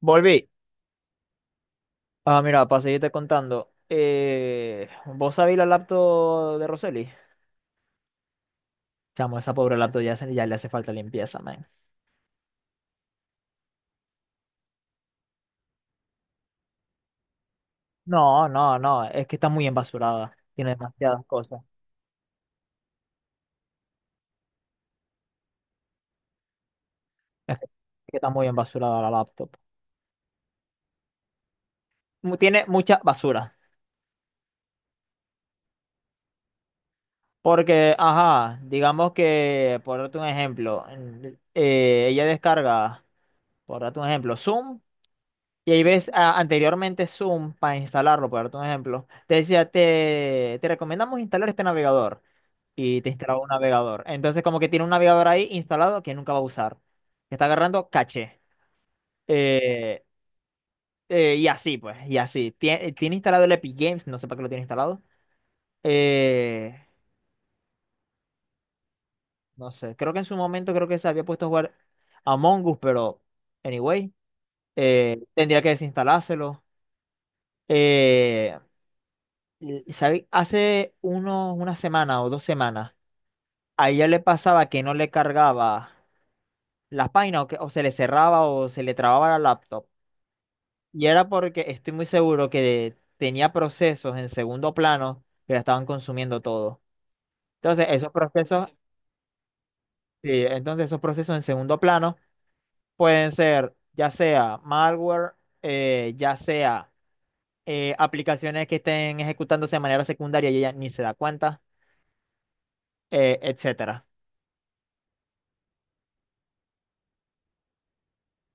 Volví. Ah, mira, para seguirte contando. ¿Vos sabéis la laptop de Roseli? Chamo, esa pobre laptop ya, ya le hace falta limpieza, man. No, no, no, es que está muy embasurada. Tiene demasiadas cosas. Es que está muy embasurada la laptop. Tiene mucha basura. Porque, ajá, digamos que, por darte un ejemplo, ella descarga, por darte un ejemplo, Zoom. Y ahí ves anteriormente Zoom para instalarlo, por darte un ejemplo. Te decía, te recomendamos instalar este navegador. Y te instalaba un navegador. Entonces, como que tiene un navegador ahí instalado que nunca va a usar. Que está agarrando caché. Eh, y así, pues, y así. Tiene instalado el Epic Games, no sé para qué lo tiene instalado. Eh, no sé, creo que en su momento creo que se había puesto a jugar Among Us, pero anyway, tendría que desinstalárselo. Eh, ¿Sabe? Hace unos, una semana o 2 semanas, a ella le pasaba que no le cargaba las páginas o, que, o se le cerraba o se le trababa la laptop. Y era porque estoy muy seguro que tenía procesos en segundo plano que la estaban consumiendo todo. Entonces, esos procesos, sí, entonces esos procesos en segundo plano pueden ser ya sea malware, ya sea aplicaciones que estén ejecutándose de manera secundaria y ella ni se da cuenta, etcétera.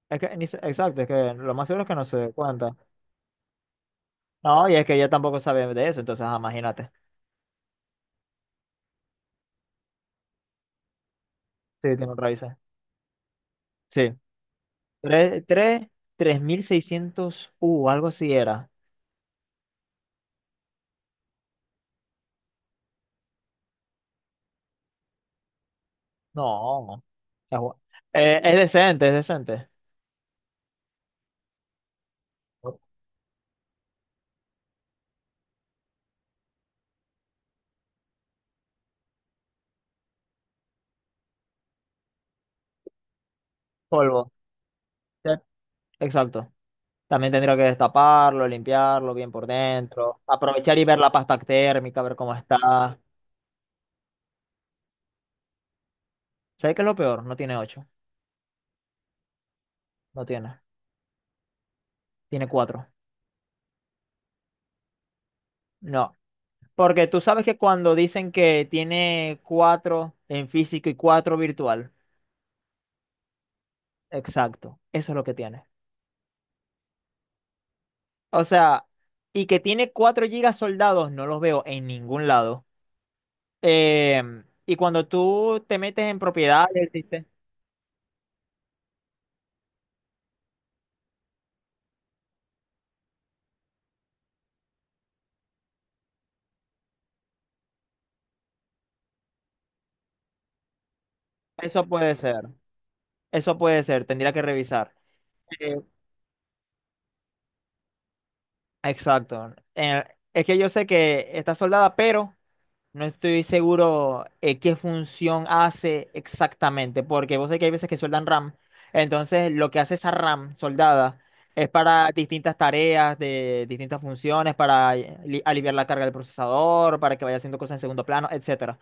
Es que, ni se- exacto, es que lo más seguro es que no se dé cuenta. No, y es que ella tampoco sabe de eso, entonces ajá, imagínate. Sí, tiene un raíces. Sí. Tres, tres, 3.600, u algo así era. No. Es, bu- es decente, es decente. Polvo. Sí, exacto. También tendría que destaparlo, limpiarlo bien por dentro. Aprovechar y ver la pasta térmica, ver cómo está. ¿Sabes qué es lo peor? No tiene ocho. No tiene. Tiene cuatro. No, porque tú sabes que cuando dicen que tiene cuatro en físico y cuatro virtual, exacto, eso es lo que tiene. O sea, y que tiene 4 gigas soldados, no los veo en ningún lado. Y cuando tú te metes en propiedades, ¿viste? Eso puede ser, eso puede ser, tendría que revisar. Eh, exacto. Es que yo sé que está soldada, pero... No estoy seguro qué función hace exactamente, porque vos sabés que hay veces que sueldan RAM. Entonces, lo que hace esa RAM soldada es para distintas tareas de distintas funciones, para aliviar la carga del procesador, para que vaya haciendo cosas en segundo plano, etcétera.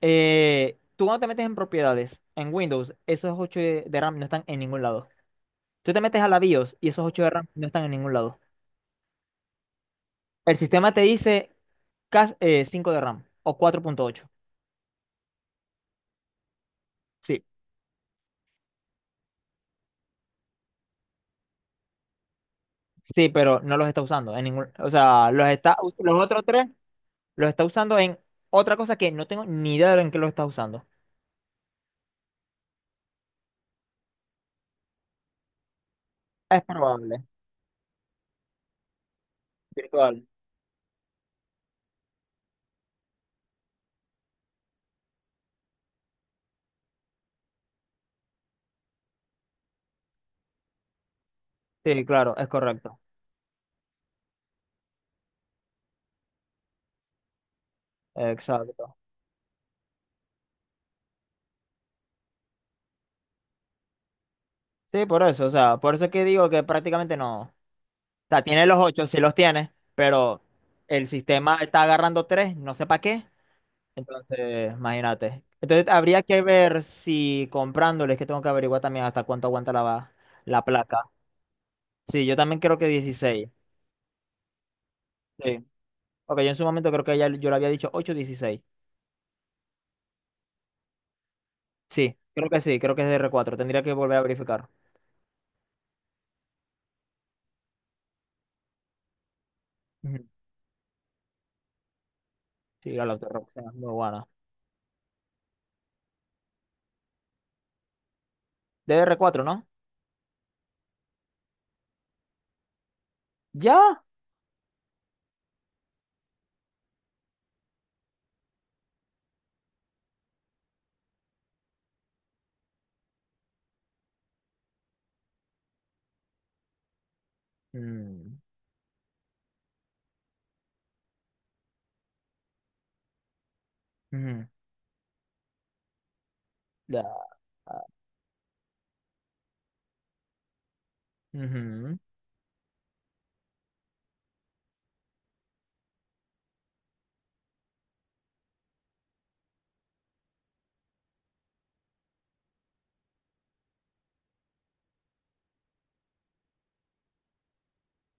Tú cuando te metes en propiedades, en Windows, esos 8 de RAM no están en ningún lado. Tú te metes a la BIOS y esos ocho de RAM no están en ningún lado. El sistema te dice 5 de RAM o 4.8. Sí. Sí, pero no los está usando en ningún, o sea, los está, los otros tres los está usando en otra cosa que no tengo ni idea de en qué los está usando. Es probable. Virtual. Sí, claro, es correcto. Exacto. Sí, por eso, o sea, por eso es que digo que prácticamente no. O sea, tiene los ocho, sí los tiene, pero el sistema está agarrando tres, no sé para qué. Entonces, imagínate. Entonces, habría que ver si comprándoles, que tengo que averiguar también hasta cuánto aguanta la, la placa. Sí, yo también creo que 16. Sí. Ok, yo en su momento creo que ya yo le había dicho ocho 16. Sí, creo que es D R cuatro. Tendría que volver a verificar. Ujú. Sí, la Lotte Roxana es muy buena. D R cuatro, ¿no? ¿Ya? Mm, ujú, ya, ujú.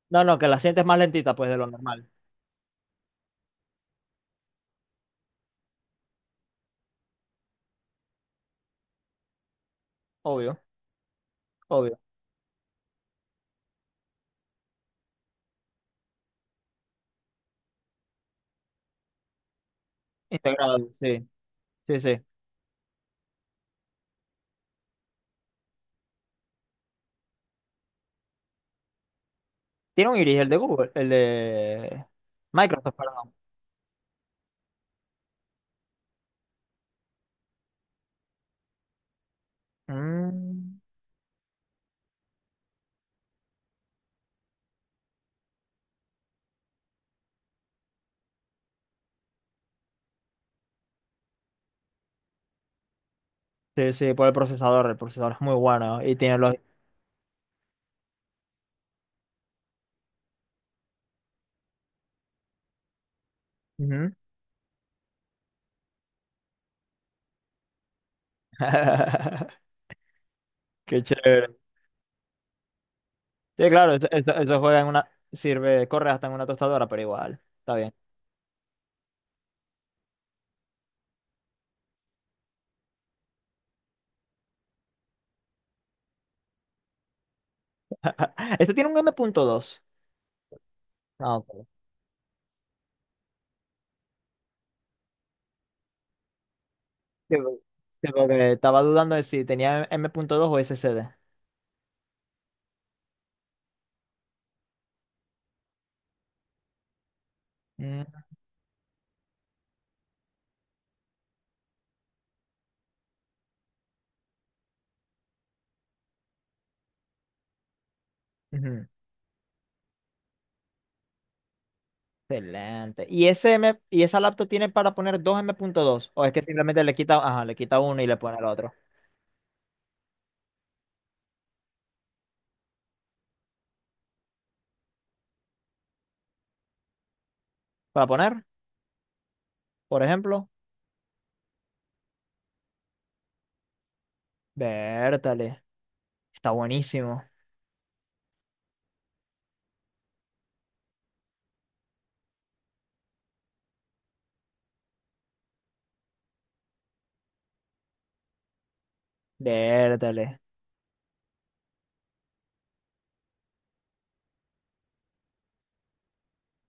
No, no, que la sientes más lentita, pues, de lo normal. Obvio, obvio. Integrado, sí, sí, sí. Tiene un iris, el de Google, el de Microsoft, perdón. Mm, sí, sí, por el procesador. El procesador es muy bueno y tiene los... Ujú. Qué chévere. Sí, claro, eso, eso juega en una. Sirve, corre hasta en una tostadora, pero igual. Está bien. Este tiene un M.2. Ah, ok. Sí, porque estaba dudando de si tenía M.2 o SSD. Mm, ujú. Excelente. ¿Y ese M, y esa laptop tiene para poner 2 M.2? ¿O es que simplemente le quita, ajá, le quita uno y le pone el otro? Para poner, por ejemplo, Vértale. Está buenísimo. Vértale.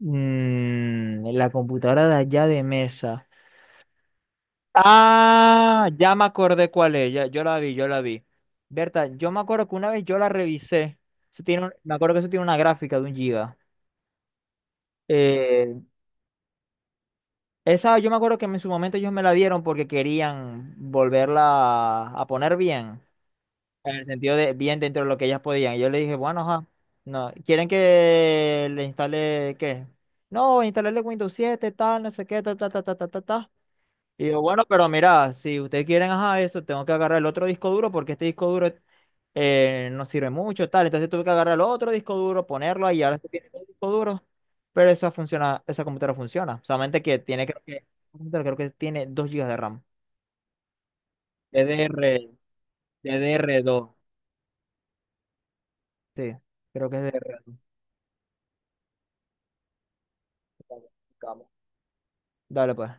Mm, la computadora de allá de mesa. Ah, ya me acordé cuál es. Yo la vi, yo la vi. Berta, yo me acuerdo que una vez yo la revisé. Eso tiene me acuerdo que eso tiene una gráfica de 1 giga. Eh, esa yo me acuerdo que en su momento ellos me la dieron porque querían volverla a poner bien. En el sentido de bien dentro de lo que ellas podían. Y yo le dije, bueno, ajá. No, ¿quieren que le instale qué? No, instalarle Windows 7, tal, no sé qué, ta, ta, ta, ta, ta, ta, ta. Y yo, bueno, pero mira, si ustedes quieren, ajá, eso, tengo que agarrar el otro disco duro porque este disco duro no sirve mucho, tal. Entonces tuve que agarrar el otro disco duro, ponerlo ahí, ahora se tiene el disco duro. Pero esa funciona, esa computadora funciona. Solamente que tiene, creo que, computadora creo que tiene 2 gigas de RAM. DDR, DDR2. Sí, creo que es DDR2. Dale, pues.